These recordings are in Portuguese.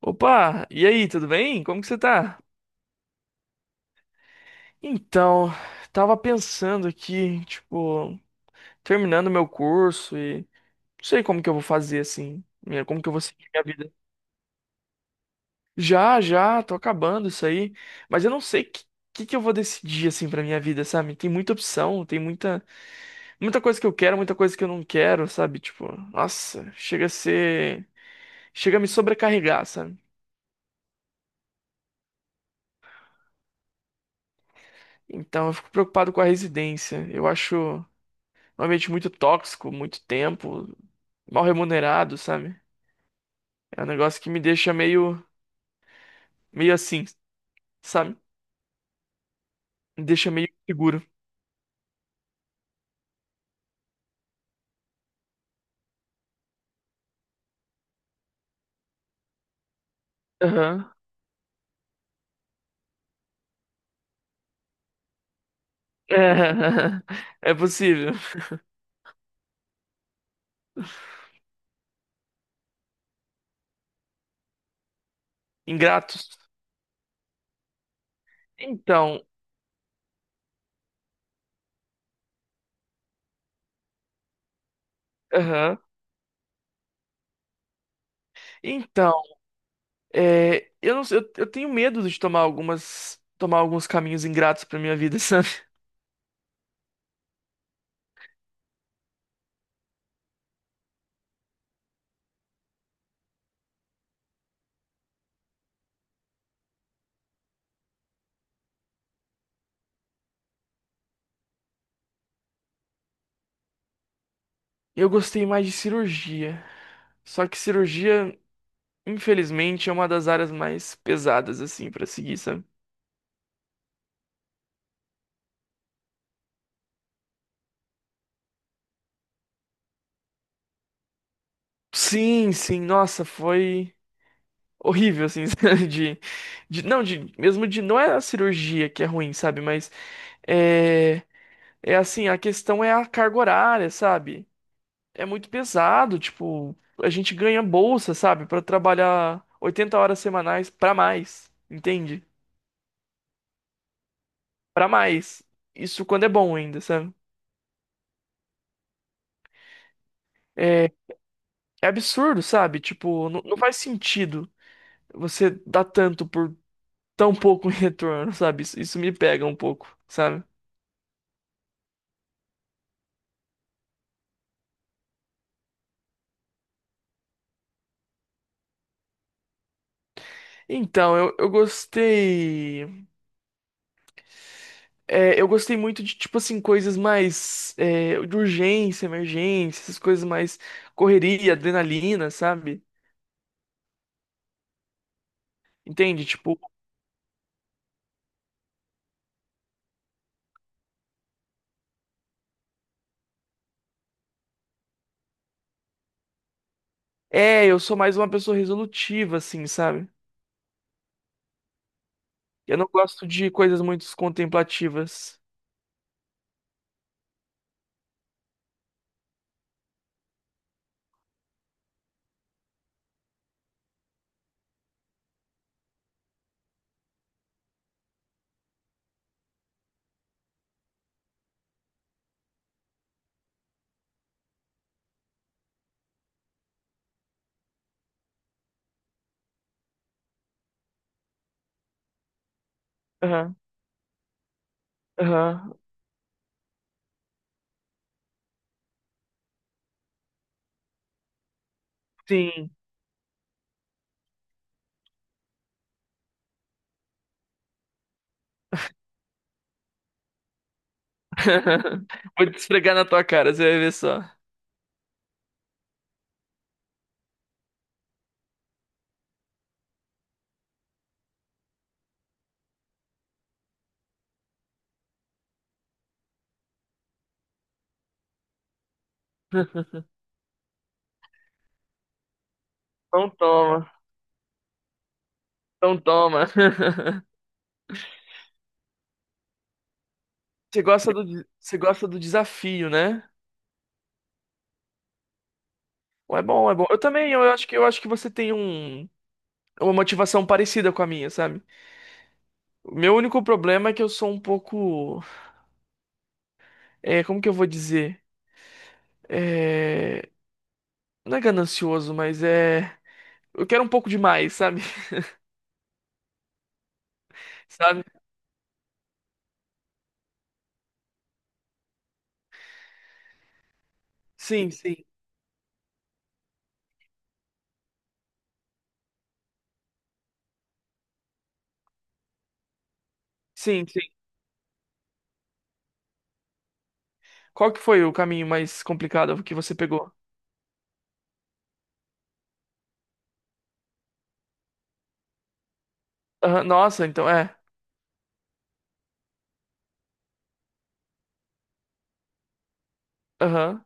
Opa, e aí, tudo bem? Como que você tá? Então, tava pensando aqui, tipo, terminando meu curso e não sei como que eu vou fazer assim, como que eu vou seguir minha vida. Já, já, tô acabando isso aí, mas eu não sei que eu vou decidir assim pra minha vida, sabe? Tem muita opção, tem muita coisa que eu quero, muita coisa que eu não quero, sabe? Tipo, nossa, chega a me sobrecarregar, sabe? Então, eu fico preocupado com a residência. Eu acho um ambiente muito tóxico, muito tempo, mal remunerado, sabe? É um negócio que me deixa meio assim, sabe? Me deixa meio seguro. Aham. É possível. Ingratos. Então, aham. Então, eu não sei, eu tenho medo de tomar algumas, tomar alguns caminhos ingratos pra minha vida, sabe? Eu gostei mais de cirurgia. Só que cirurgia, infelizmente, é uma das áreas mais pesadas assim pra seguir, sabe? Sim, sim, nossa, foi horrível, assim, sabe? De, não, de, mesmo de, não é a cirurgia que é ruim, sabe, mas é, é assim, a questão é a carga horária, sabe, é muito pesado, tipo, a gente ganha bolsa, sabe, pra trabalhar 80 horas semanais pra mais, entende? Pra mais, isso quando é bom ainda, sabe, é, é absurdo, sabe, tipo, não faz sentido você dar tanto por tão pouco em retorno, sabe, isso me pega um pouco, sabe. Então, eu gostei. Eu gostei muito de, tipo assim, coisas mais. É, de urgência, emergência, essas coisas mais correria, adrenalina, sabe? Entende? Tipo, é, eu sou mais uma pessoa resolutiva, assim, sabe? Eu não gosto de coisas muito contemplativas. Aham, aham, sim. Vou te esfregar na tua cara, você vai ver só. Então toma, então toma. Você gosta do desafio, né? Pô, é bom, é bom. Eu também, eu acho que você tem uma motivação parecida com a minha, sabe? O meu único problema é que eu sou é, como que eu vou dizer? É, não é ganancioso, mas é, eu quero um pouco demais, sabe? Sabe? Sim, sim. Sim, sim. Qual que foi o caminho mais complicado que você pegou? Aham. Nossa, então é. Aham.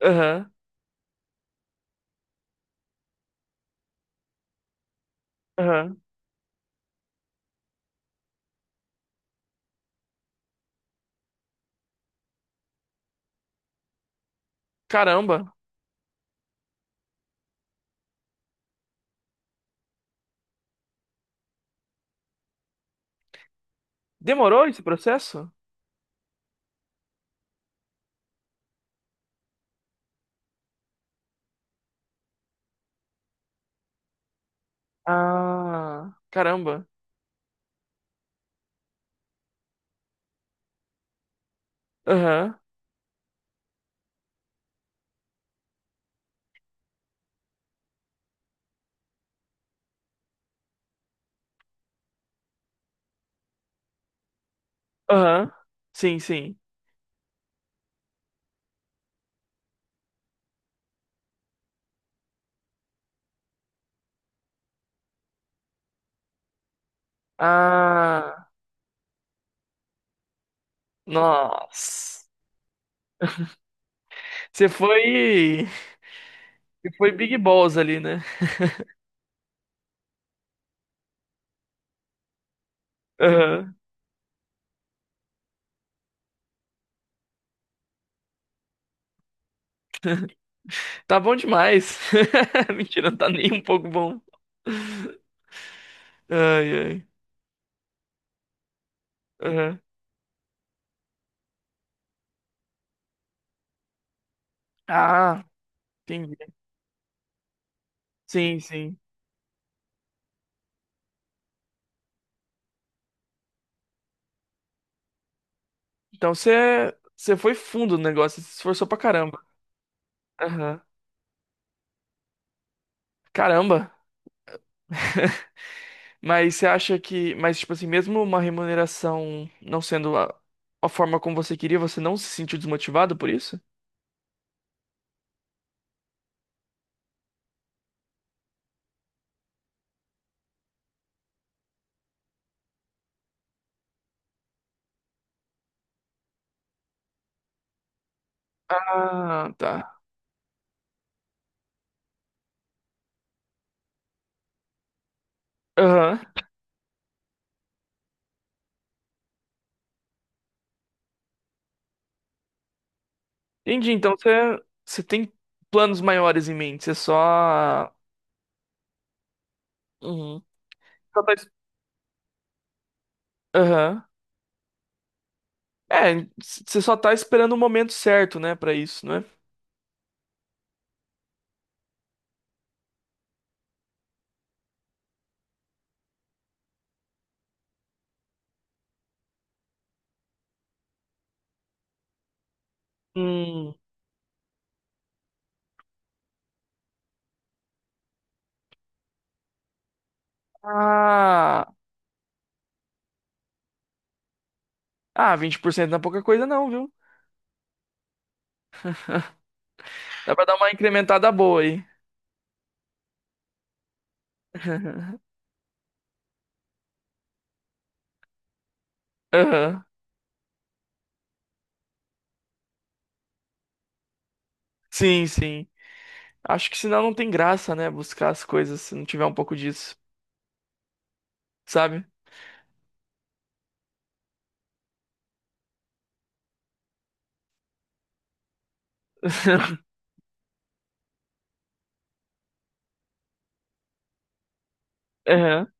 Aham. Aham. Caramba. Demorou esse processo? Ah, caramba. Aham. Aham. Sim, sim. Ah, nossa. Você foi, você foi big boss ali, né? Aham. Tá bom demais. Mentira, não tá nem um pouco bom. Ai, ai. Aham. Ah, entendi. Sim, sim. Então você, você foi fundo no negócio, você se esforçou pra caramba. Aham. Caramba. Mas você acha que, mas tipo assim, mesmo uma remuneração não sendo a forma como você queria, você não se sentiu desmotivado por isso? Ah, tá. Aham. Entendi. Então você, você tem planos maiores em mente. Você só. Uhum. Só tá es-. Aham. É, c- você só tá esperando o momento certo, né, pra isso, né? Hum. Ah, ah, 20% não é pouca coisa não, viu? Dá pra dar uma incrementada boa aí. Aham. Sim, sim. Acho que senão não tem graça, né, buscar as coisas se não tiver um pouco disso, sabe? Aham.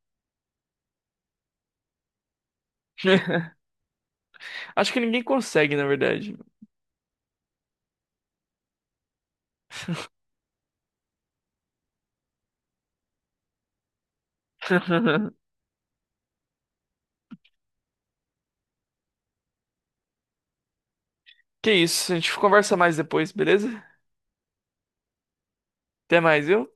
Acho que ninguém consegue, na verdade. Que isso, a gente conversa mais depois, beleza? Até mais, viu?